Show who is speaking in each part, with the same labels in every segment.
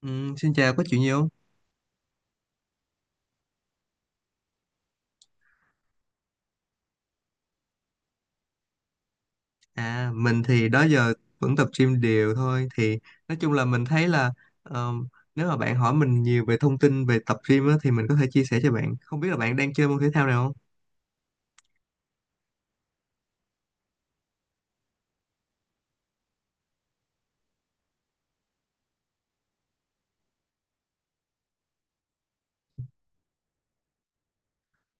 Speaker 1: Ừ, xin chào, có chuyện gì không? À, mình thì đó giờ vẫn tập gym đều thôi. Thì nói chung là mình thấy là ờ, nếu mà bạn hỏi mình nhiều về thông tin về tập gym á, thì mình có thể chia sẻ cho bạn. Không biết là bạn đang chơi môn thể thao nào không?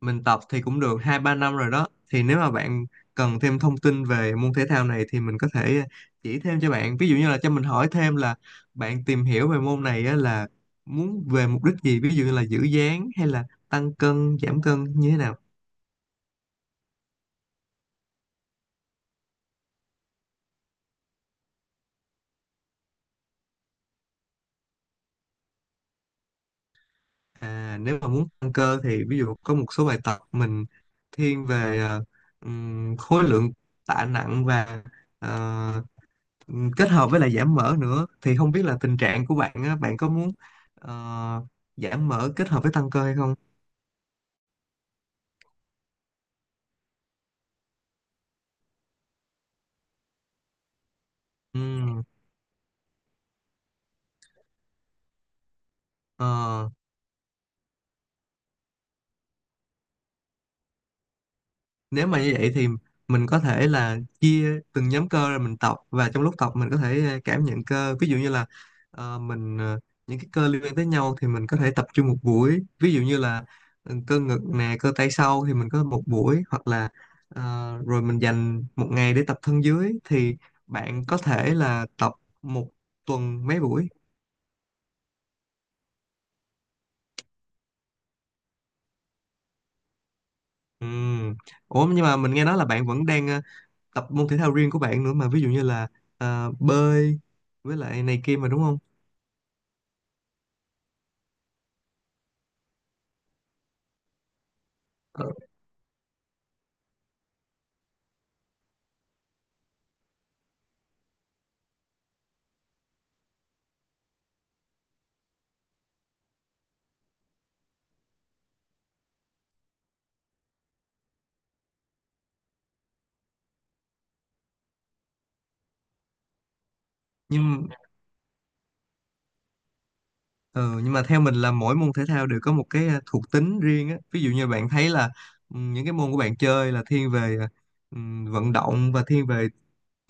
Speaker 1: Mình tập thì cũng được hai ba năm rồi đó. Thì nếu mà bạn cần thêm thông tin về môn thể thao này thì mình có thể chỉ thêm cho bạn. Ví dụ như là cho mình hỏi thêm là bạn tìm hiểu về môn này á, là muốn về mục đích gì? Ví dụ như là giữ dáng hay là tăng cân, giảm cân như thế nào? À, nếu mà muốn tăng cơ thì ví dụ có một số bài tập mình thiên về khối lượng tạ nặng và ờ, kết hợp với lại giảm mỡ nữa thì không biết là tình trạng của bạn á, bạn có muốn ờ, giảm mỡ kết hợp với tăng cơ hay không? Ừm, ờ, Nếu mà như vậy thì mình có thể là chia từng nhóm cơ rồi mình tập và trong lúc tập mình có thể cảm nhận cơ ví dụ như là ờ, mình ờ, những cái cơ liên quan tới nhau thì mình có thể tập trung một buổi ví dụ như là cơ ngực nè cơ tay sau thì mình có một buổi, hoặc là ờ, rồi mình dành một ngày để tập thân dưới. Thì bạn có thể là tập một tuần mấy buổi? Ừm. Ủa nhưng mà mình nghe nói là bạn vẫn đang tập môn thể thao riêng của bạn nữa mà, ví dụ như là bơi với lại này kia mà, đúng không? Ờ, nhưng ờ, nhưng mà theo mình là mỗi môn thể thao đều có một cái thuộc tính riêng á. Ví dụ như bạn thấy là những cái môn của bạn chơi là thiên về ừ, vận động và thiên về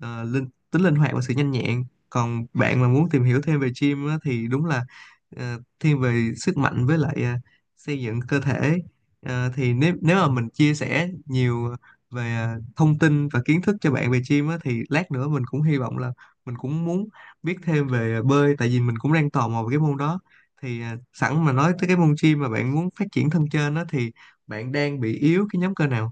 Speaker 1: linh hoạt và sự nhanh nhẹn, còn bạn mà muốn tìm hiểu thêm về gym á, thì đúng là thiên về sức mạnh với lại xây dựng cơ thể. Ờ, thì nếu nếu mà mình chia sẻ nhiều về thông tin và kiến thức cho bạn về gym á, thì lát nữa mình cũng hy vọng là mình cũng muốn biết thêm về bơi, tại vì mình cũng đang tò mò về cái môn đó. Thì sẵn mà nói tới cái môn gym mà bạn muốn phát triển thân trên đó, thì bạn đang bị yếu cái nhóm cơ nào?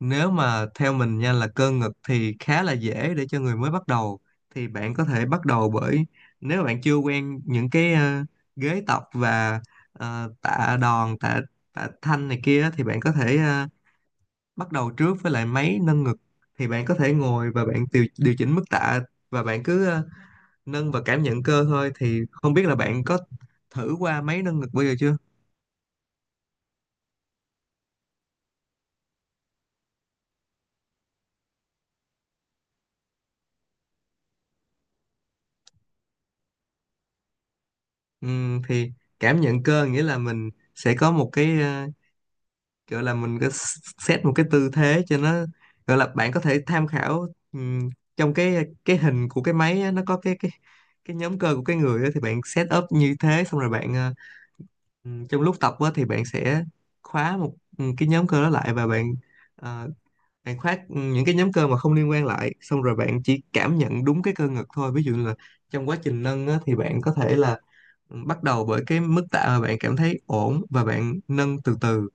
Speaker 1: Nếu mà theo mình nha, là cơ ngực thì khá là dễ để cho người mới bắt đầu. Thì bạn có thể bắt đầu bởi, nếu bạn chưa quen những cái ghế tập và tạ đòn, tạ tạ thanh này kia, thì bạn có thể bắt đầu trước với lại máy nâng ngực. Thì bạn có thể ngồi và bạn điều chỉnh mức tạ, và bạn cứ nâng và cảm nhận cơ thôi. Thì không biết là bạn có thử qua máy nâng ngực bao giờ chưa? Thì cảm nhận cơ nghĩa là mình sẽ có một cái kiểu là mình có set một cái tư thế cho nó, gọi là bạn có thể tham khảo trong cái hình của cái máy á, nó có cái nhóm cơ của cái người á, thì bạn set up như thế xong rồi bạn trong lúc tập á, thì bạn sẽ khóa một cái nhóm cơ đó lại, và ờ, bạn khóa những cái nhóm cơ mà không liên quan lại, xong rồi bạn chỉ cảm nhận đúng cái cơ ngực thôi. Ví dụ như là trong quá trình nâng á, thì bạn có thể là bắt đầu bởi cái mức tạ mà bạn cảm thấy ổn, và bạn nâng từ từ,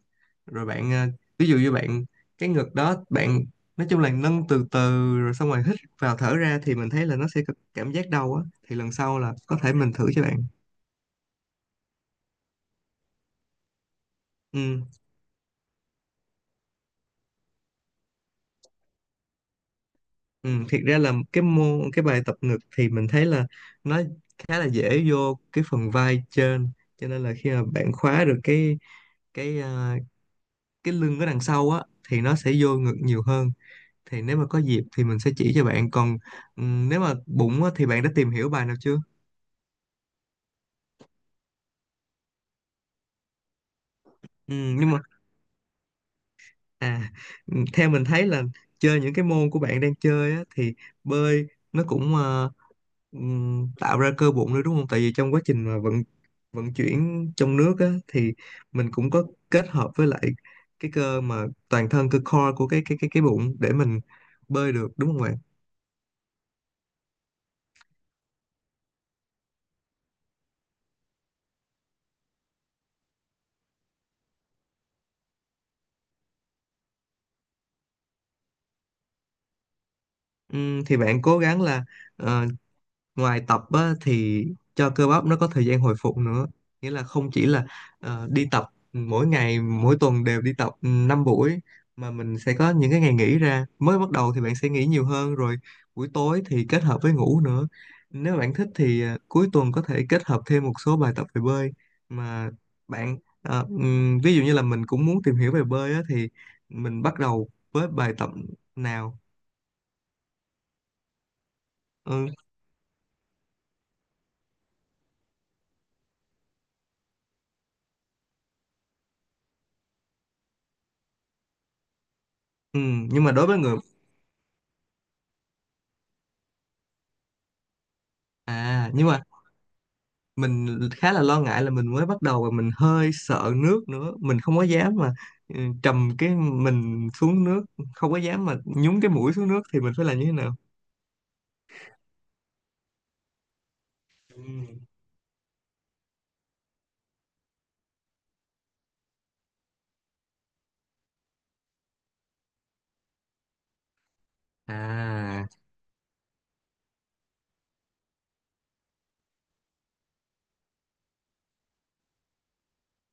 Speaker 1: rồi bạn ví dụ như bạn cái ngực đó, bạn nói chung là nâng từ từ rồi xong rồi hít vào thở ra, thì mình thấy là nó sẽ có cảm giác đau á, thì lần sau là có thể mình thử cho bạn. ừ, ừ Thiệt ra là cái bài tập ngực thì mình thấy là nó khá là dễ vô cái phần vai trên, cho nên là khi mà bạn khóa được cái ờ, cái lưng ở đằng sau á, thì nó sẽ vô ngực nhiều hơn. Thì nếu mà có dịp thì mình sẽ chỉ cho bạn. Còn nếu mà bụng á, thì bạn đã tìm hiểu bài nào chưa? Ừ, nhưng mà À, ừ, theo mình thấy là chơi những cái môn của bạn đang chơi á, thì bơi nó cũng tạo ra cơ bụng nữa đúng không? Tại vì trong quá trình mà vận vận chuyển trong nước á, thì mình cũng có kết hợp với lại cái cơ mà toàn thân, cơ core của cái bụng để mình bơi được, đúng không bạn? Thì bạn cố gắng là ờ, ngoài tập á, thì cho cơ bắp nó có thời gian hồi phục nữa, nghĩa là không chỉ là đi tập mỗi ngày, mỗi tuần đều đi tập 5 buổi, mà mình sẽ có những cái ngày nghỉ ra. Mới bắt đầu thì bạn sẽ nghỉ nhiều hơn, rồi buổi tối thì kết hợp với ngủ nữa. Nếu bạn thích thì cuối tuần có thể kết hợp thêm một số bài tập về bơi. Mà bạn ví dụ như là mình cũng muốn tìm hiểu về bơi á, thì mình bắt đầu với bài tập nào? ừ, ừ, nhưng mà đối với người à nhưng mà mình khá là lo ngại là mình mới bắt đầu và mình hơi sợ nước nữa, mình không có dám mà trầm cái mình xuống nước, không có dám mà nhúng cái mũi xuống nước, thì mình phải làm như thế nào? Ừ. À.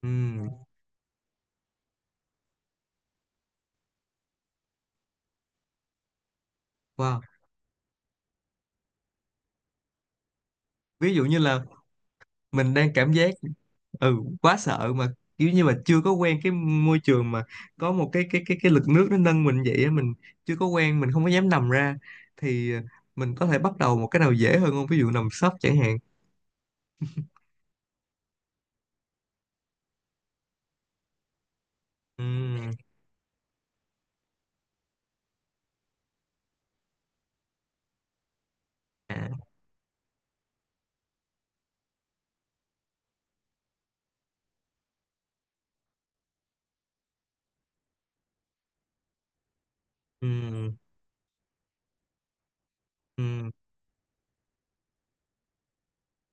Speaker 1: Ừ. Wow. Ví dụ như là mình đang cảm giác ừ quá sợ mà, kiểu như mà chưa có quen cái môi trường mà có một cái lực nước nó nâng mình vậy á, mình chưa có quen, mình không có dám nằm ra, thì mình có thể bắt đầu một cái nào dễ hơn không, ví dụ nằm sấp chẳng hạn? Ừ. À. Ừ. Ừ.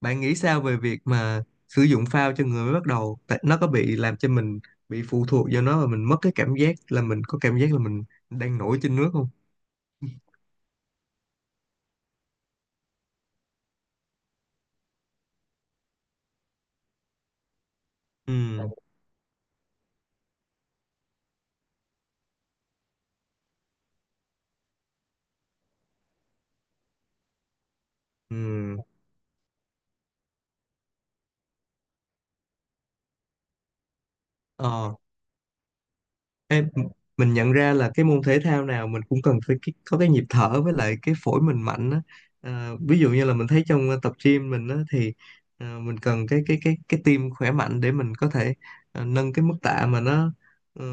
Speaker 1: Bạn nghĩ sao về việc mà sử dụng phao cho người mới bắt đầu? Tại nó có bị làm cho mình bị phụ thuộc vào nó và mình mất cái cảm giác là mình có cảm giác là mình đang nổi trên nước không? Ừ. Ừ. Ờ. Ê, mình nhận ra là cái môn thể thao nào mình cũng cần phải có cái nhịp thở với lại cái phổi mình mạnh á. À, ví dụ như là mình thấy trong tập gym mình á, thì mình cần cái tim khỏe mạnh để mình có thể nâng cái mức tạ mà nó ờ,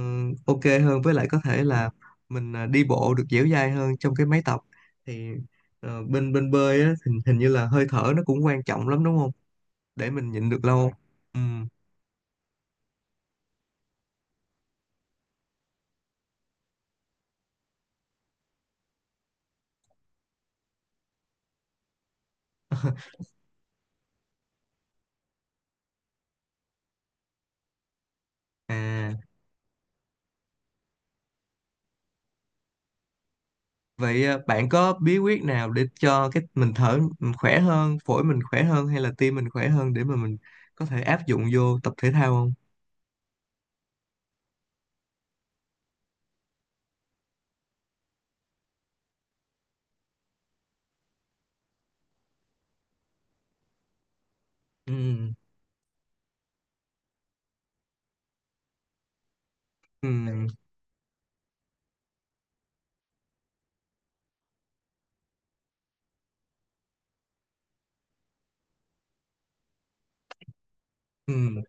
Speaker 1: ok hơn, với lại có thể là mình đi bộ được dẻo dai hơn trong cái máy tập. Thì bên bên bơi á, hình như là hơi thở nó cũng quan trọng lắm đúng không? Để mình nhịn được lâu. Ừ. À. Vậy bạn có bí quyết nào để cho cái mình thở mình khỏe hơn, phổi mình khỏe hơn hay là tim mình khỏe hơn, để mà mình có thể áp dụng vô tập thể thao không? Ừm. Ừ, ừ.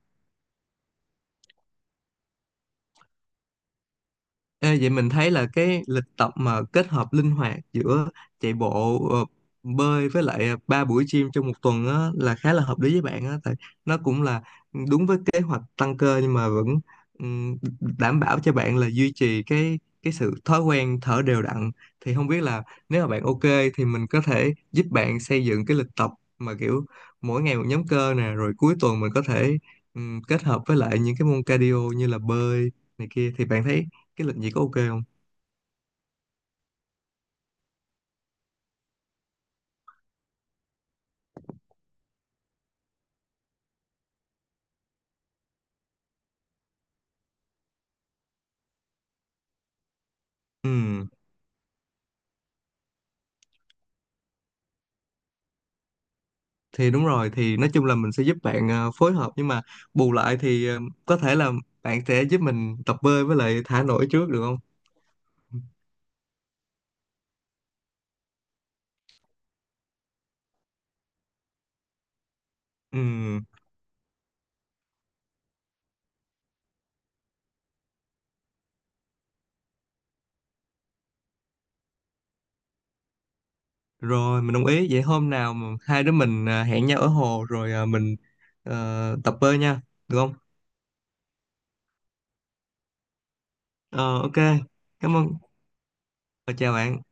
Speaker 1: Ê, vậy mình thấy là cái lịch tập mà kết hợp linh hoạt giữa chạy bộ, bơi, với lại 3 buổi gym trong một tuần á, là khá là hợp lý với bạn á, tại nó cũng là đúng với kế hoạch tăng cơ, nhưng mà vẫn ừm, đảm bảo cho bạn là duy trì cái sự thói quen thở đều đặn. Thì không biết là nếu mà bạn ok thì mình có thể giúp bạn xây dựng cái lịch tập mà kiểu mỗi ngày một nhóm cơ nè, rồi cuối tuần mình có thể kết hợp với lại những cái môn cardio như là bơi này kia. Thì bạn thấy cái lịch gì có ok không? Ừ, thì đúng rồi. Thì nói chung là mình sẽ giúp bạn phối hợp, nhưng mà bù lại thì có thể là bạn sẽ giúp mình tập bơi với lại thả nổi trước được không? Ừ rồi, mình đồng ý. Vậy hôm nào mà hai đứa mình hẹn nhau ở hồ rồi tập bơi nha, được không? Ờ ok. Cảm ơn. Ờ, chào bạn.